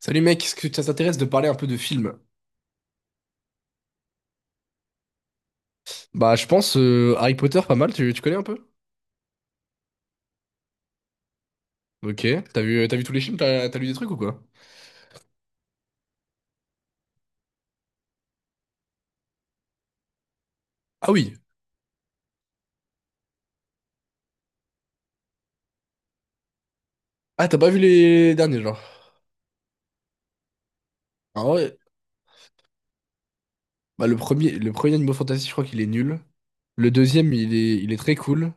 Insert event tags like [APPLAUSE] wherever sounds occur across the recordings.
Salut mec, est-ce que ça t'intéresse de parler un peu de films? Bah je pense Harry Potter pas mal, tu connais un peu? Ok, t'as vu tous les films, t'as lu des trucs ou quoi? Ah oui. Ah t'as pas vu les derniers genre? Ah ouais. Bah le premier Animal Fantasy je crois qu'il est nul. Le deuxième il est très cool.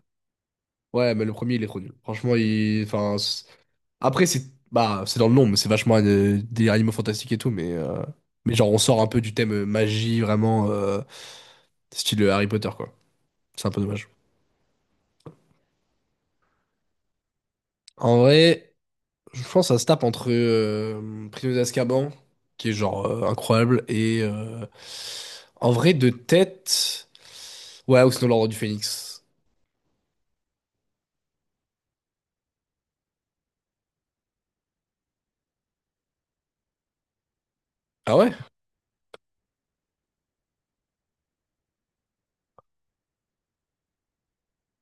Ouais mais le premier il est trop nul. Franchement enfin après c'est, bah c'est dans le nom mais c'est vachement des animaux fantastiques et tout mais genre on sort un peu du thème magie vraiment style Harry Potter quoi. C'est un peu dommage. En vrai. Je pense que ça se tape entre Prisonnier d'Azkaban, qui est genre incroyable, et en vrai de tête, ouais, ou sinon l'Ordre du Phénix. Ah ouais?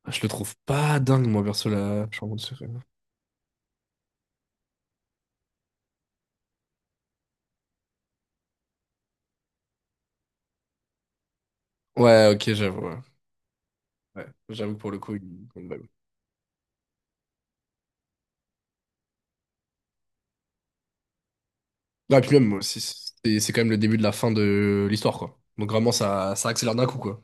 Je le trouve pas dingue, moi, perso, la chambre de secret. Ouais, ok, j'avoue. Ouais, ouais, j'avoue que pour le coup, il me bug. Ah, et puis même, moi aussi, c'est quand même le début de la fin de l'histoire, quoi. Donc vraiment, ça accélère d'un coup, quoi.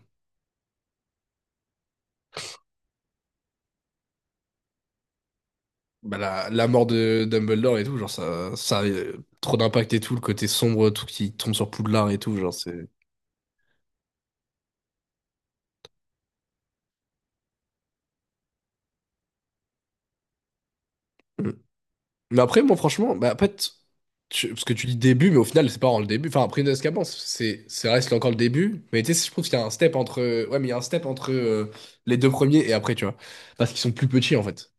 Bah, la mort de Dumbledore et tout, genre, ça a trop d'impact et tout, le côté sombre, tout qui tombe sur Poudlard et tout, genre, c'est. Mais après, moi, franchement, bah, en fait, parce que tu dis début, mais au final, c'est pas vraiment le début. Enfin, après, Nescamp, c'est reste encore le début. Mais tu sais, je trouve qu'il y a un step entre, ouais, mais il y a un step entre les deux premiers et après, tu vois. Parce qu'ils sont plus petits, en fait.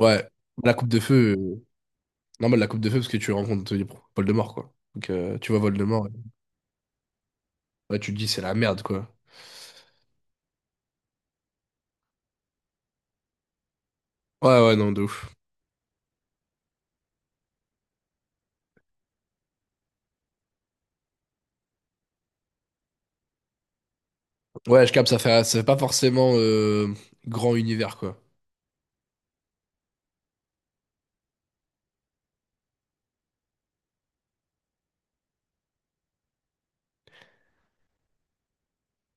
Ouais. La coupe de feu, normal, la coupe de feu, parce que tu rencontres Voldemort, quoi. Donc, tu vois Voldemort. Ouais, tu te dis, c'est la merde, quoi. Ouais, ouais, non, de ouf. Ouais, je capte, ça fait pas forcément grand univers, quoi.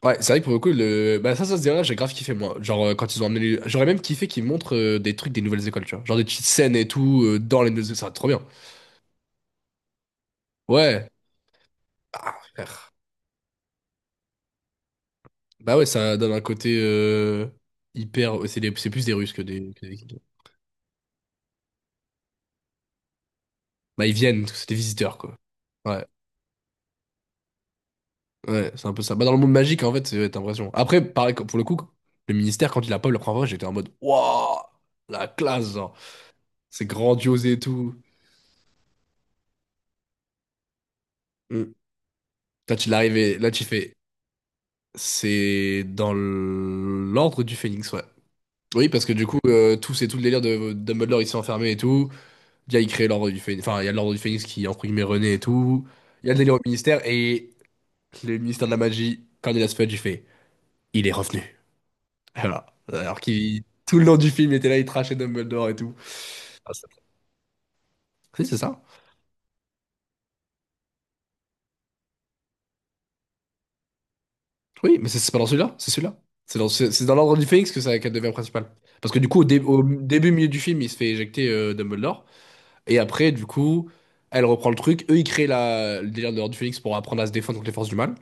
Ouais, c'est vrai que pour le coup, bah, ça se dirait, j'ai grave kiffé, moi. Genre, quand ils ont amené. J'aurais même kiffé qu'ils montrent des trucs des nouvelles écoles, tu vois. Genre des petites scènes et tout, dans les nouvelles écoles, ça va être trop bien. Ouais. Ah, frère. Bah ouais, ça donne un côté hyper. C'est plus des Russes que des. Bah, ils viennent, c'est des visiteurs, quoi. Ouais, ouais, c'est un peu ça. Bah, dans le monde magique, en fait, c'est ouais, t'as l'impression. Après, pareil, pour le coup, le ministère, quand il a pas eu la première fois, j'étais en mode, waouh, la classe, genre. C'est grandiose et tout. Mm. Toi, tu l'arrives et là, tu fais, c'est dans l'ordre du Phénix, ouais. Oui, parce que du coup, tout c'est tout le délire de Dumbledore, il s'est enfermé et tout. Il crée l'ordre du Phénix. Enfin, il y a l'ordre du Phénix qui, entre guillemets, renaît et tout. Il y a le délire au ministère et le ministère de la magie, Cornelius Fudge, il est revenu. Voilà. Alors qu'il, tout le long du film, il était là, il trashait Dumbledore et tout. Ah, oui, c'est ça. Oui, mais c'est pas dans celui-là, c'est celui-là. C'est dans l'ordre du Phénix que ça qu'elle devient principale. Parce que du coup, au début, milieu du film, il se fait éjecter Dumbledore. Et après, du coup, elle reprend le truc. Eux, ils créent le délire de l'Ordre du Phénix pour apprendre à se défendre contre les forces du mal.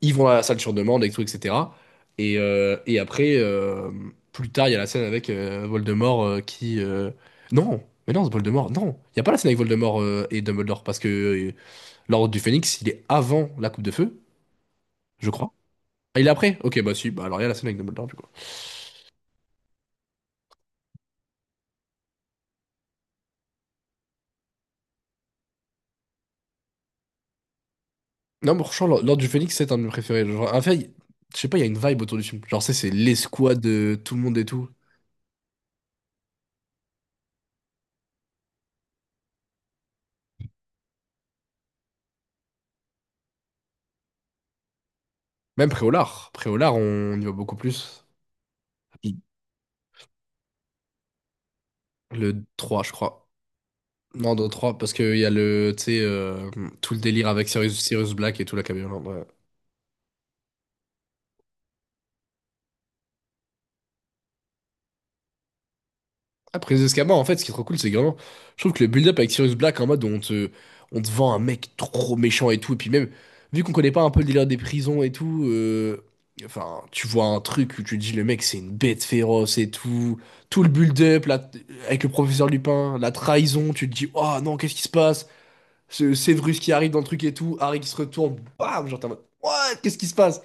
Ils vont à la salle sur demande, et tout, etc. Et après, plus tard, il y a la scène avec Voldemort qui. Non! Mais non, c'est Voldemort, non! Il n'y a pas la scène avec Voldemort et Dumbledore, parce que l'Ordre du Phénix, il est avant la Coupe de Feu, je crois. Ah, il est après? Ok, bah si, bah alors il y a la scène avec Dumbledore, du coup. Non, mais franchement, l'Ordre du Phénix, c'est un de mes préférés. Genre, en fait, je sais pas, il y a une vibe autour du film. Genre, c'est l'escouade, de tout le monde et tout. Même Préolard. Préolard, on y va beaucoup plus. Le 3, je crois. Non, dans le 3, parce qu'il y a le, tu sais, tout le délire avec Sirius Black et tout la camionnette. Ouais. Après les escamins, en fait, ce qui est trop cool, c'est que vraiment, je trouve que le build-up avec Sirius Black en mode où on te vend un mec trop méchant et tout, et puis même, vu qu'on connaît pas un peu le délire des prisons et tout, enfin, tu vois un truc où tu te dis le mec c'est une bête féroce et tout, tout le build-up là, avec le professeur Lupin, la trahison, tu te dis, oh non, qu'est-ce qui se passe? Ce Severus qui arrive dans le truc et tout, Harry qui se retourne, bam, genre t'es en mode, what? Qu'est-ce qui se passe?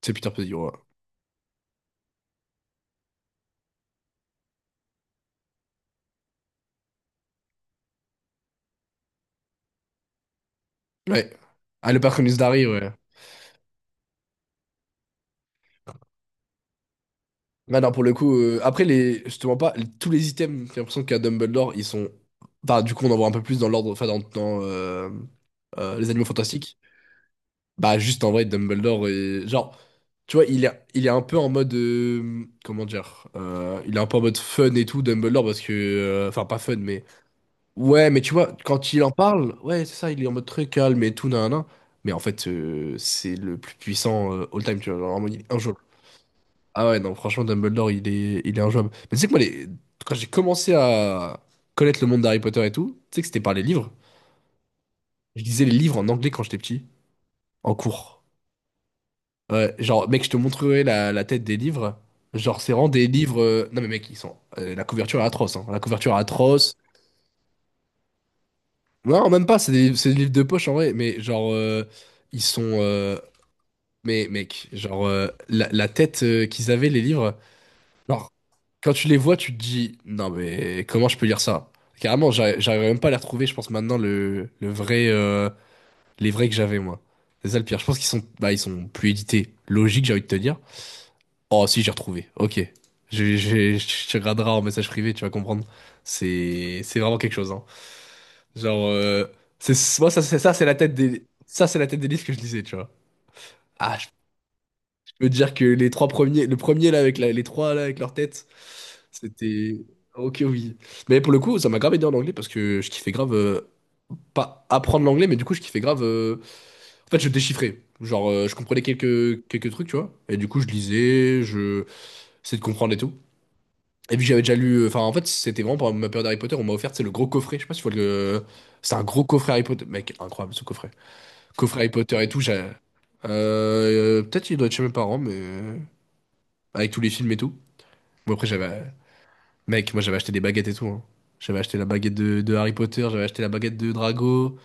C'est Peter Pettigrew, ouais. Ouais. Ah, le patronus d'Harry, ouais. Ah non, pour le coup, après, je te mens pas, tous les items, j'ai l'impression qu'à Dumbledore, ils sont. Enfin, du coup, on en voit un peu plus dans l'ordre, enfin, dans les animaux fantastiques. Bah, juste en vrai, Dumbledore, genre, tu vois, il est un peu en mode. Comment dire? Il est un peu en mode fun et tout, Dumbledore, parce que. Enfin, pas fun, mais. Ouais, mais tu vois, quand il en parle, ouais, c'est ça, il est en mode très calme et tout, nanana. Mais en fait, c'est le plus puissant all time, tu vois. Genre, vraiment, il est injouable. Ah ouais, non, franchement, Dumbledore, il est injouable. Mais tu sais que moi, quand j'ai commencé à connaître le monde d'Harry Potter et tout, tu sais que c'était par les livres. Je lisais les livres en anglais quand j'étais petit, en cours. Ouais, genre, mec, je te montrerai la tête des livres. Genre, c'est vraiment des livres. Non, mais mec, ils sont. La couverture est atroce, hein. La couverture est atroce. Non, même pas, c'est des livres de poche en vrai, mais genre, ils sont. Mais mec, genre, la tête qu'ils avaient, les livres, genre, quand tu les vois, tu te dis, non mais comment je peux lire ça? Carrément, j'arriverais même pas à les retrouver, je pense maintenant, le vrai, les vrais que j'avais moi. C'est ça le pire, je pense qu'ils sont, bah, ils sont plus édités. Logique, j'ai envie de te dire. Oh, si, j'ai retrouvé. Ok. Je te graderai en message privé, tu vas comprendre. C'est vraiment quelque chose, hein. Genre, c'est, moi, ça, c'est la tête des, ça, c'est la tête des listes que je lisais, tu vois. Ah, je peux te dire que les trois premiers, le premier là, avec les trois là, avec leur tête, c'était, ok, oui. Mais pour le coup, ça m'a grave aidé en anglais parce que je kiffais grave, pas apprendre l'anglais, mais du coup, je kiffais grave, en fait, je déchiffrais. Genre, je comprenais quelques trucs, tu vois. Et du coup, je lisais, essayais de comprendre et tout. Et puis j'avais déjà lu, enfin en fait c'était vraiment pendant ma période Harry Potter, on m'a offert c'est le gros coffret, je sais pas si tu vois le, c'est un gros coffret Harry Potter, mec incroyable ce coffret, coffret Harry Potter et tout, j'ai, peut-être il doit être chez mes parents mais avec tous les films et tout. Bon après j'avais, mec moi j'avais acheté des baguettes et tout, hein. J'avais acheté la baguette de Harry Potter, j'avais acheté la baguette de Drago,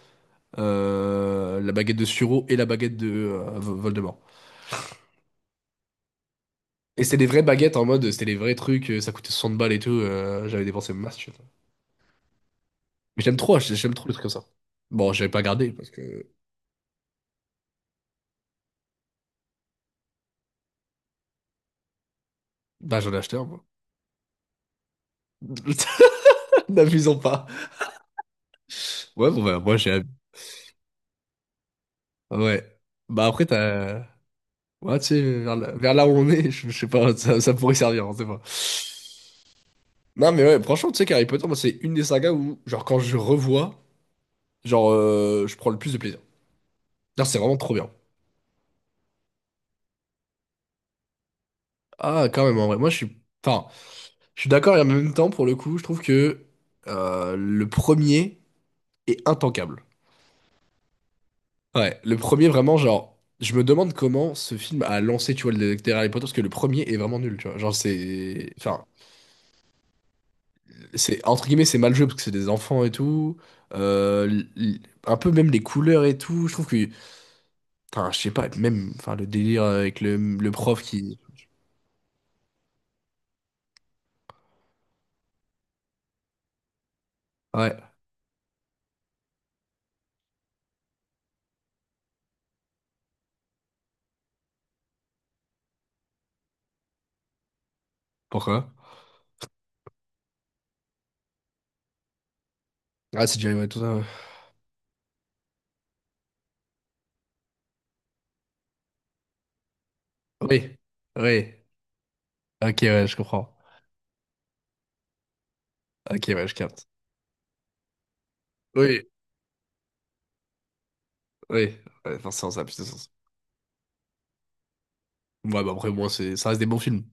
la baguette de Suro et la baguette de Voldemort. Et c'était des vraies baguettes en mode, c'était les vrais trucs, ça coûtait 60 balles et tout, j'avais dépensé masse. Mais j'aime trop les trucs comme ça. Bon, j'avais pas gardé parce que bah j'en ai acheté un moi. [LAUGHS] N'abusons pas. Ouais, bon bah moi j'ai ouais. Bah après t'as ouais tu sais vers là où on est, [LAUGHS] je sais pas ça, ça pourrait servir, on sait pas. Non mais ouais, franchement tu sais qu'Harry Potter moi c'est une des sagas où genre quand je revois, genre je prends le plus de plaisir. Genre c'est vraiment trop bien. Ah quand même en vrai, moi je suis enfin, je suis d'accord et en même temps pour le coup, je trouve que le premier est intankable. Ouais, le premier vraiment, genre, je me demande comment ce film a lancé, tu vois, le détective Harry Potter, parce que le premier est vraiment nul, tu vois. Genre, c'est. Enfin, c'est. Entre guillemets, c'est mal joué parce que c'est des enfants et tout. Euh, l- l- un peu même les couleurs et tout. Je trouve que. Enfin, je sais pas, même. Enfin, le délire avec le prof qui. Ouais. Pourquoi? Ah, c'est Jerry, ouais, tout ça. Ouais. Oui. Oui. Ok, ouais, je comprends. Ok, ouais, je capte. Oui. Oui. Ouais, forcément, ça a plus de sens. Ouais, bah après, moi, ça reste des bons films.